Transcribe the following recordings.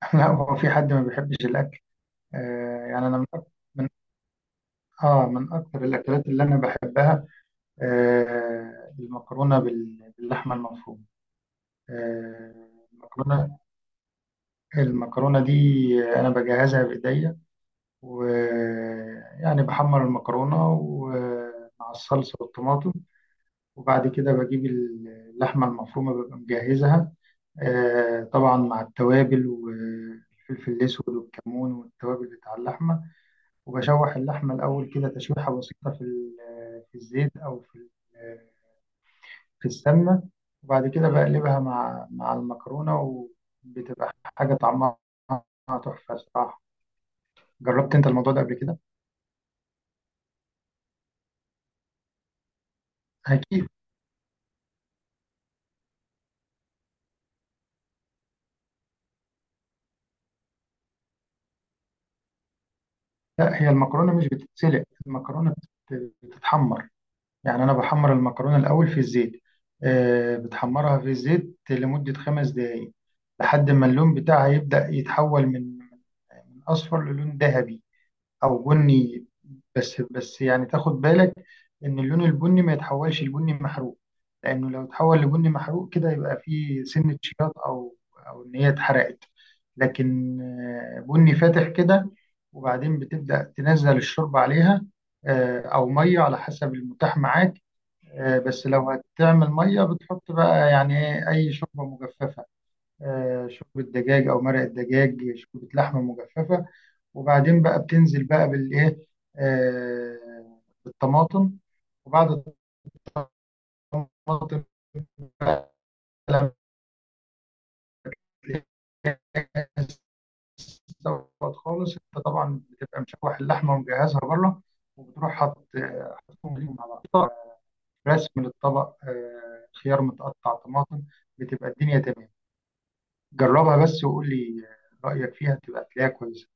لا، هو في حد ما بيحبش الأكل؟ أنا من أكتر من من أكتر الأكلات اللي أنا بحبها. المكرونة باللحمة المفرومة. آه المكرونة المكرونة دي أنا بجهزها بإيديا، ويعني بحمر المكرونة ومع الصلصة والطماطم، وبعد كده بجيب اللحمة المفرومة ببقى مجهزها. طبعا مع التوابل والفلفل الأسود والكمون والتوابل بتاع اللحمة. وبشوح اللحمة الأول كده تشويحة بسيطة في الزيت أو ال- في السمنة، وبعد كده بقلبها مع المكرونة، وبتبقى حاجة طعمها تحفة الصراحة. جربت أنت الموضوع ده قبل كده؟ أكيد. لا، هي المكرونة مش بتتسلق، المكرونة بتتحمر. يعني أنا بحمر المكرونة الأول في الزيت، بتحمرها في الزيت لمدة 5 دقايق، لحد ما اللون بتاعها يبدأ يتحول من أصفر للون ذهبي او بني. بس يعني تاخد بالك ان اللون البني ما يتحولش لبني محروق، لانه لو اتحول لبني محروق كده يبقى فيه سنة شياط، او ان هي اتحرقت. لكن بني فاتح كده. وبعدين بتبدأ تنزل الشوربة عليها، او مية على حسب المتاح معاك. بس لو هتعمل مية بتحط بقى يعني اي شوربة مجففة. شوربة دجاج او مرق الدجاج، شوربة لحمة مجففة. وبعدين بقى بتنزل بقى بالايه؟ آه بالطماطم. وبعد الطماطم بقى لما تلاقيها استوت خالص، انت طبعا بتبقى مشوح اللحمه ومجهزها بره، وبتروح حاط، حاطهم ليهم على بعض. رسم للطبق، خيار متقطع، طماطم. بتبقى الدنيا تمام. جربها بس وقول لي رايك فيها، تبقى تلاقيها كويسه.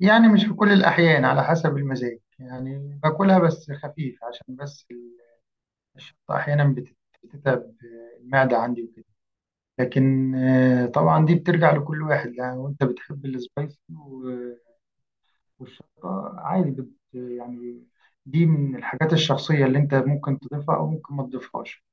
يعني مش في كل الاحيان، على حسب المزاج، يعني باكلها بس خفيف، عشان بس الشطة أحيانا بتتعب المعدة عندي وكده. لكن طبعا دي بترجع لكل واحد، يعني وأنت بتحب السبايسي والشطة عادي بت يعني. دي من الحاجات الشخصية اللي أنت ممكن تضيفها أو ممكن ما تضيفهاش.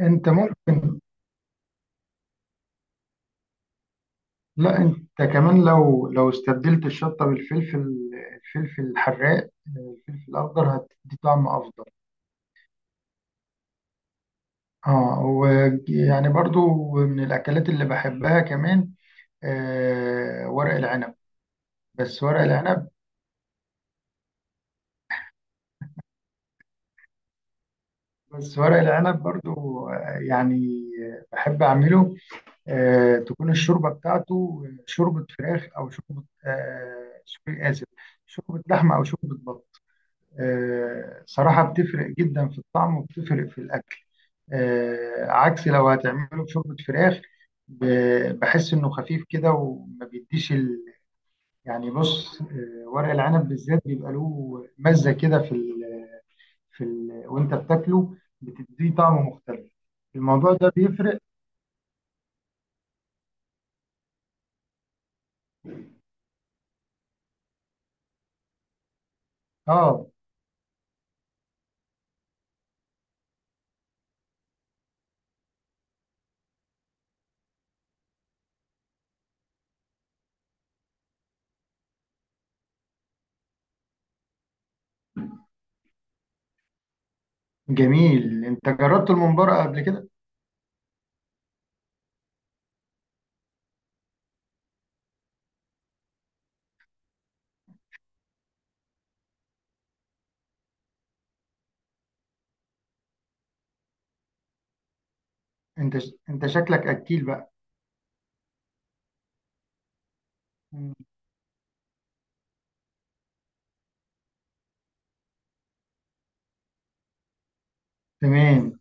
أنت ممكن لا، أنت كمان لو استبدلت الشطة بالفلفل، الفلفل الحراق، الفلفل الأخضر هتدي طعم أفضل. اه، ويعني برضو من الأكلات اللي بحبها كمان، ورق العنب. بس ورق العنب بس ورق العنب برضو، آه، يعني بحب أعمله. تكون الشوربة بتاعته شوربة فراخ أو شوربة، سوري آسف، شوربة لحمة أو شوربة بط. صراحة بتفرق جدا في الطعم وبتفرق في الأكل. عكس لو هتعمله بشوربة فراخ، بحس إنه خفيف كده وما بيديش يعني بص. ورق العنب بالذات بيبقى له مزة كده وانت بتاكله بتديه طعم مختلف. الموضوع ده بيفرق. اه، جميل. انت جربت الممبار قبل كده؟ انت شكلك اكيل بقى. مم. تمام.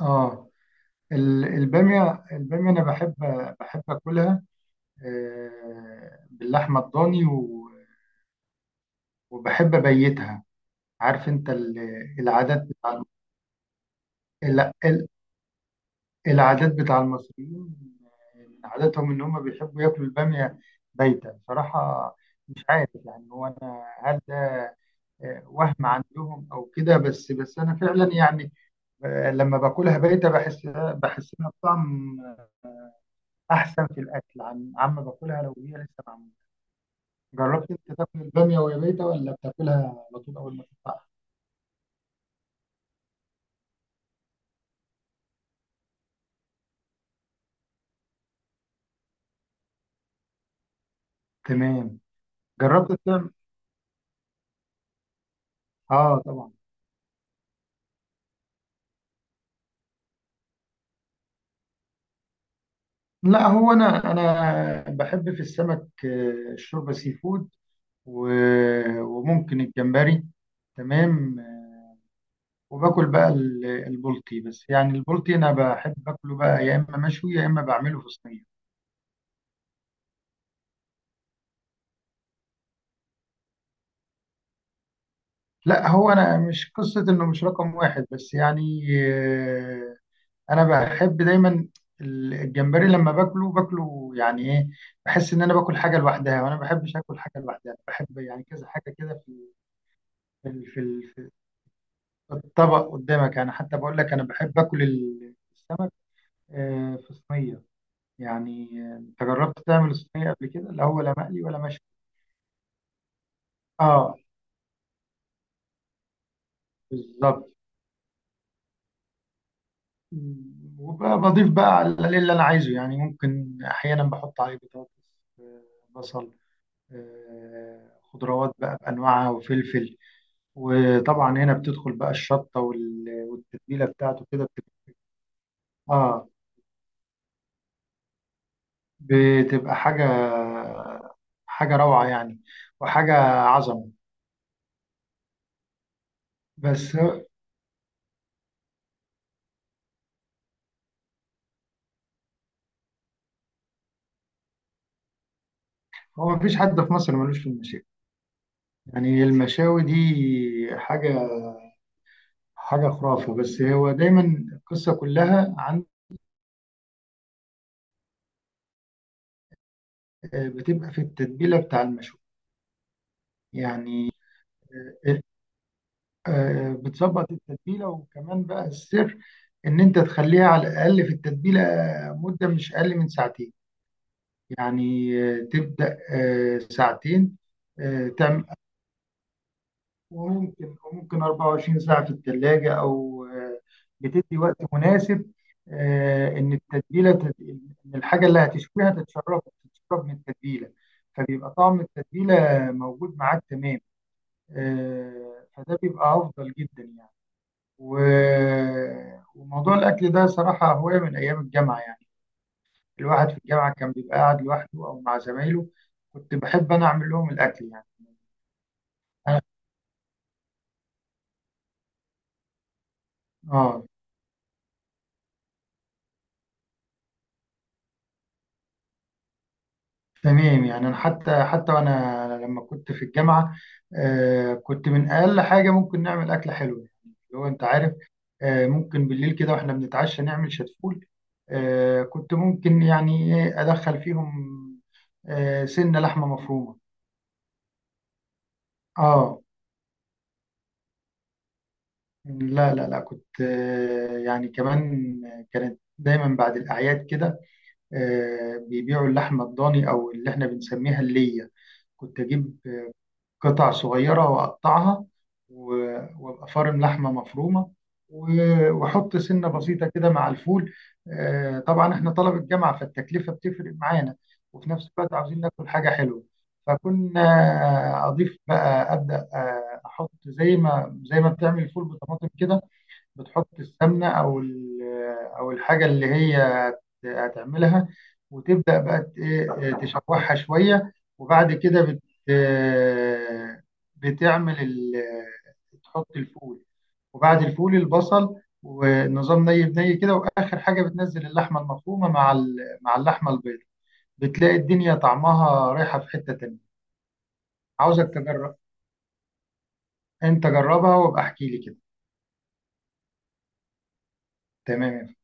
اه، الباميه، انا بحب، اكلها باللحمه الضاني وبحب ابيتها. عارف انت العادات بتاع ال- العادات بتاع المصريين، عاداتهم ان هم بيحبوا ياكلوا الباميه بايته بصراحه. مش عارف يعني هو انا هل ده وهم عندهم او كده، بس انا فعلا يعني لما باكلها بايته بحس، لها بطعم احسن في الاكل عما باكلها لو هي لسه معموله. جربت انت تاكل الباميه وهي بايته، ولا بتاكلها على طول اول ما تفتحها؟ تمام. جربت تعمل؟ اه طبعا. لا، هو انا بحب في السمك، الشوربه سي فود، وممكن الجمبري. تمام. وباكل بقى البلطي. بس يعني البلطي انا بحب اكله بقى، يا اما مشوي يا اما بعمله في صينيه. لا، هو انا مش قصه انه مش رقم واحد، بس يعني انا بحب دايما الجمبري. لما باكله يعني ايه، بحس ان انا باكل حاجه لوحدها، وانا ما بحبش اكل حاجه لوحدها، بحب يعني كذا حاجه كده في الطبق قدامك. يعني حتى بقول لك انا بحب اكل السمك في صينيه. يعني انت جربت تعمل صينيه قبل كده؟ لا هو، لا مقلي ولا مشوي. اه، بالظبط. وبضيف بقى على اللي انا عايزه، يعني ممكن احيانا بحط عليه بطاطس، آه، بصل، خضروات بقى بانواعها، وفلفل. وطبعا هنا بتدخل بقى الشطه والتتبيله بتاعته كده. بتبقى، اه، بتبقى حاجه حاجه روعه يعني، وحاجه عظمه. بس هو هو مفيش حد في مصر ملوش في المشاوي. يعني المشاوي دي حاجة خرافة. بس هو دايما القصة كلها عن، بتبقى في التتبيلة بتاع المشوي. يعني آه، بتظبط التتبيلة. وكمان بقى السر إن أنت تخليها على الأقل في التتبيلة مدة مش أقل من ساعتين. يعني تبدأ ساعتين، وممكن 24 ساعة في الثلاجة، أو بتدي وقت مناسب، إن التتبيلة إن الحاجة اللي هتشويها تتشرب، من التتبيلة. فبيبقى طعم التتبيلة موجود معاك. تمام. فده بيبقى أفضل جدا يعني. وموضوع الأكل ده صراحة هواية من أيام الجامعة. يعني الواحد في الجامعة كان بيبقى قاعد لوحده أو مع زمايله، كنت بحب أنا أعمل لهم الأكل. أنا- آه، تمام. يعني انا حتى وانا لما كنت في الجامعه، كنت من اقل حاجه ممكن نعمل اكله حلوه. يعني اللي هو انت عارف، ممكن بالليل كده واحنا بنتعشى نعمل شتفول. كنت ممكن يعني ادخل فيهم سنه لحمه مفرومه. اه. لا لا لا، كنت كمان كانت دايما بعد الاعياد كده بيبيعوا اللحمه الضاني، او اللي احنا بنسميها الليه. كنت اجيب قطع صغيرة وأقطعها، و- وأبقى فارم لحمة مفرومة، وأحط سنة بسيطة كده مع الفول. طبعا إحنا طلبة جامعة، فالتكلفة بتفرق معانا، وفي نفس الوقت عاوزين ناكل حاجة حلوة. فكنا أضيف بقى، أبدأ أحط زي ما بتعمل الفول بطماطم كده. بتحط السمنة أو الحاجة اللي هي هتعملها، وتبدأ بقى ت- إيه، تشوحها شوية. وبعد كده بت آه، بتعمل تحط الفول، وبعد الفول البصل، ونظام ني بني كده. وآخر حاجة بتنزل اللحمة المفرومة مع اللحمة البيضاء. بتلاقي الدنيا طعمها رايحة في حتة تانية. عاوزك تجرب. انت جربها وابقى احكي لي كده. تمام يا